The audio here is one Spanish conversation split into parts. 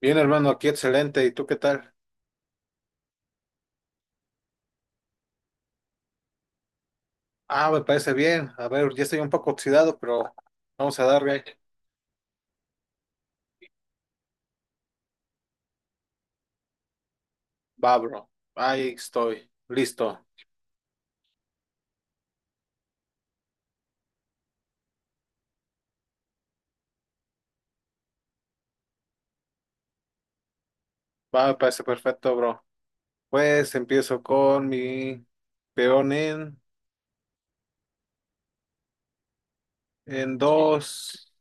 Bien, hermano, aquí excelente. ¿Y tú qué tal? Ah, me parece bien. A ver, ya estoy un poco oxidado, pero vamos a darle. Va, bro. Ahí estoy. Listo. Va, me parece perfecto, bro. Pues empiezo con mi peón en dos,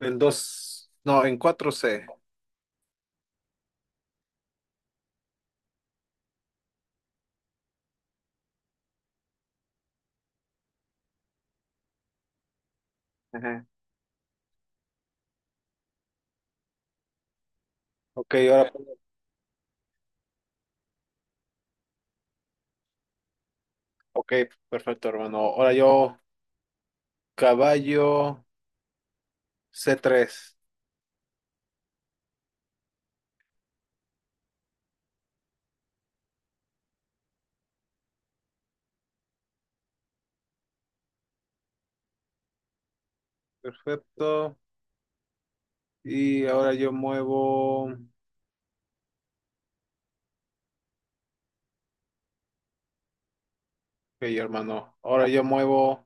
en dos, no, en cuatro c. Ajá. Ok, ahora, ok, perfecto, hermano. Ahora yo, caballo c3. Perfecto. Y ahora yo muevo. Ok, hermano. Ahora yo muevo.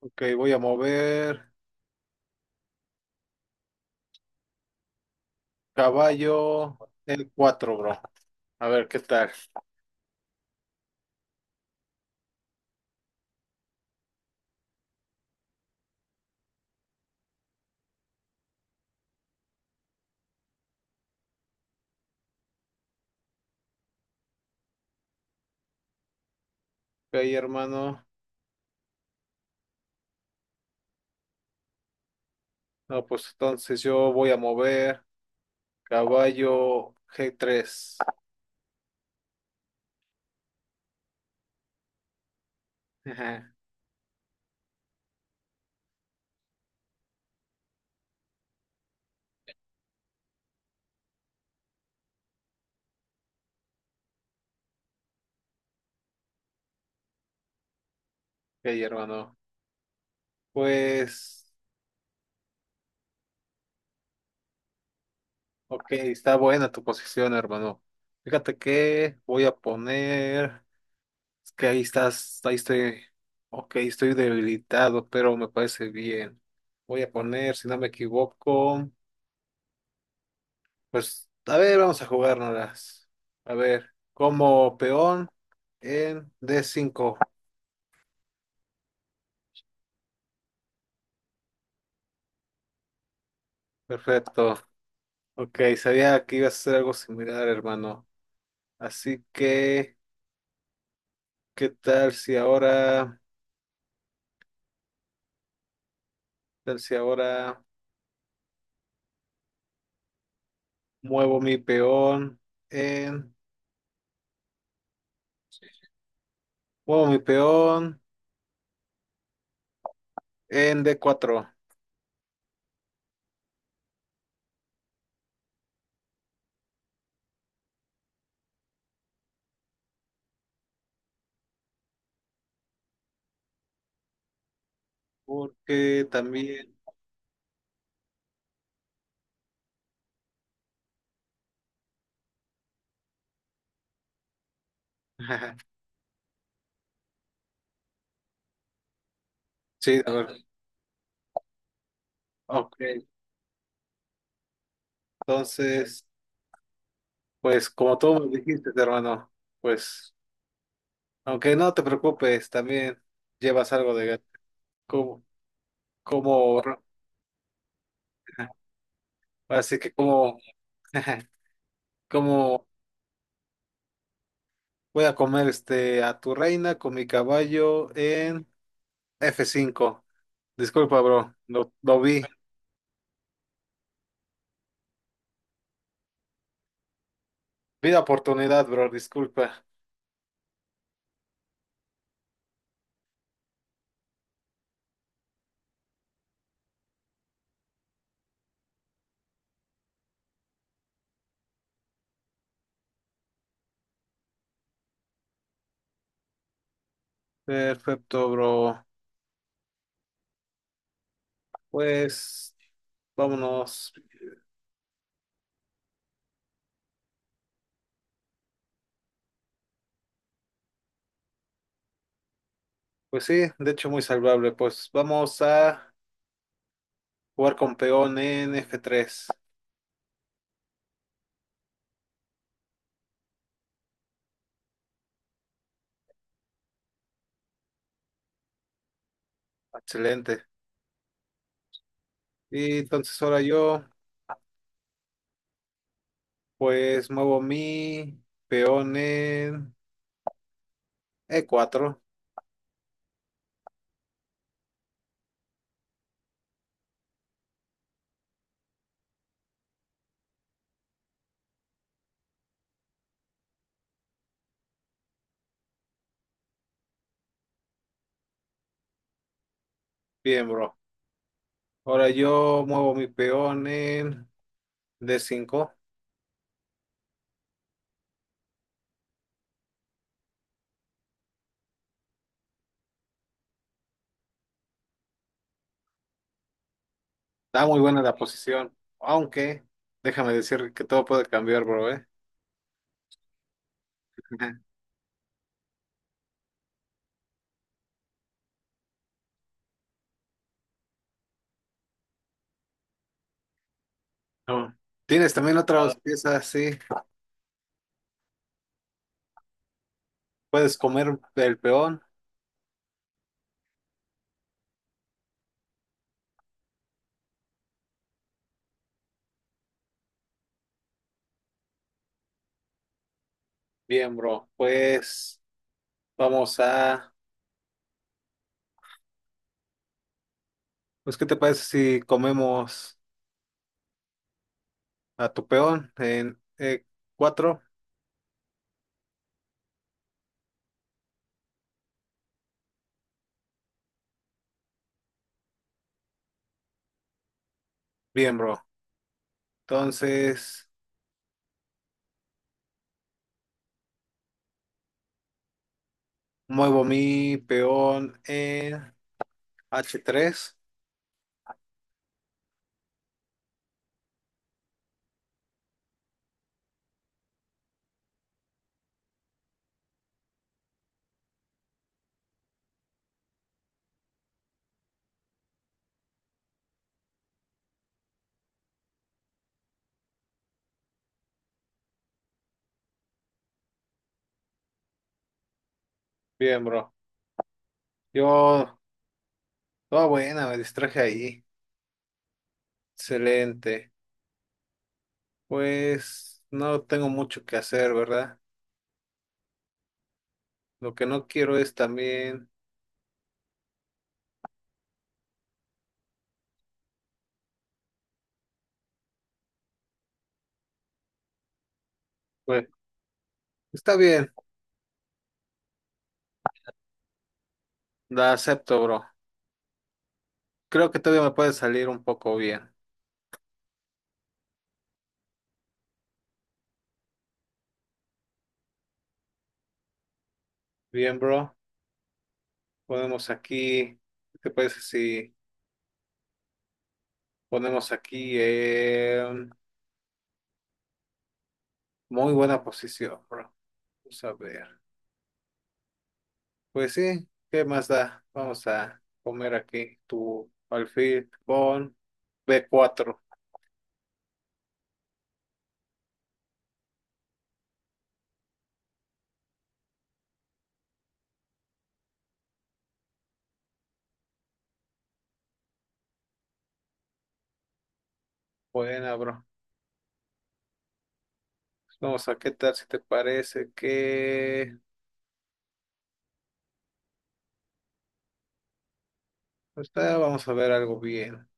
Ok, voy a mover caballo el 4, bro. A ver, ¿qué tal? Ok, hermano. No, pues entonces yo voy a mover caballo g3. Ajá. Ok, hermano. Pues, ok, está buena tu posición, hermano. Fíjate que voy a poner... Es que ahí estás, ahí estoy... Ok, estoy debilitado, pero me parece bien. Voy a poner, si no me equivoco. Pues, a ver, vamos a jugárnoslas. A ver, como peón en d5. Perfecto. Ok, sabía que iba a hacer algo similar, hermano. Así que, ¿qué tal si ahora, qué tal si ahora muevo mi peón en, muevo mi peón en d4. Porque también, sí, a ver, ok, entonces, pues como tú me dijiste, hermano, pues. Aunque no te preocupes, también llevas algo de gato. Como, como, así que como voy a comer este a tu reina con mi caballo en f5. Disculpa, bro, lo vi. Vi la oportunidad, bro, disculpa. Perfecto, bro. Pues vámonos. Pues sí, de hecho muy salvable. Pues vamos a jugar con peón en f3. Excelente. Y entonces ahora yo. Pues muevo mi peón en e4. Bien, bro. Ahora yo muevo mi peón en d5. Está muy buena la posición. Aunque, déjame decir que todo puede cambiar, bro, ¿eh? Ajá. No. Tienes también. Ah, otras piezas, sí. Puedes comer el peón. Bien, bro. Pues vamos a... Pues, ¿qué te parece si comemos a tu peón en e4. Bien, bro. Entonces... Muevo mi peón en H3. Bien, bro. Yo, toda buena, me distraje ahí. Excelente. Pues no tengo mucho que hacer, ¿verdad? Lo que no quiero es también, pues, está bien, la acepto, bro. Creo que todavía me puede salir un poco bien. Bien, bro. Ponemos aquí, ¿qué te parece si ponemos aquí en muy buena posición, bro? Vamos a ver. Pues sí, ¿qué más da? Vamos a comer aquí tu alfil con B4. Buena, bro. Vamos a qué tal si te parece que... Pues nada, vamos a ver algo bien.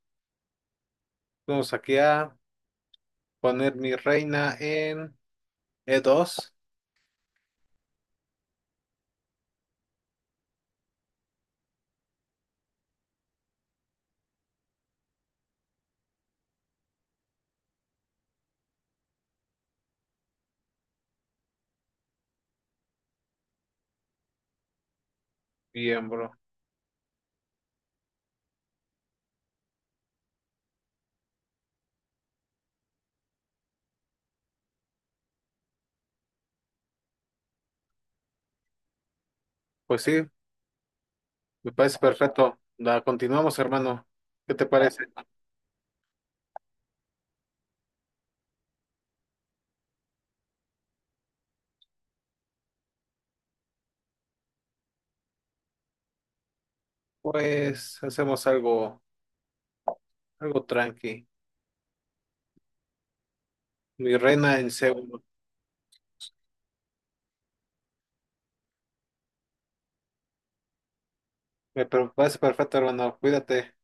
Vamos aquí a poner mi reina en E2. Bien, bro. Pues sí, me parece perfecto. La continuamos, hermano. ¿Qué te parece? Pues hacemos algo, algo tranqui. Mi reina en C1. Me parece perfecto, hermano. Cuídate.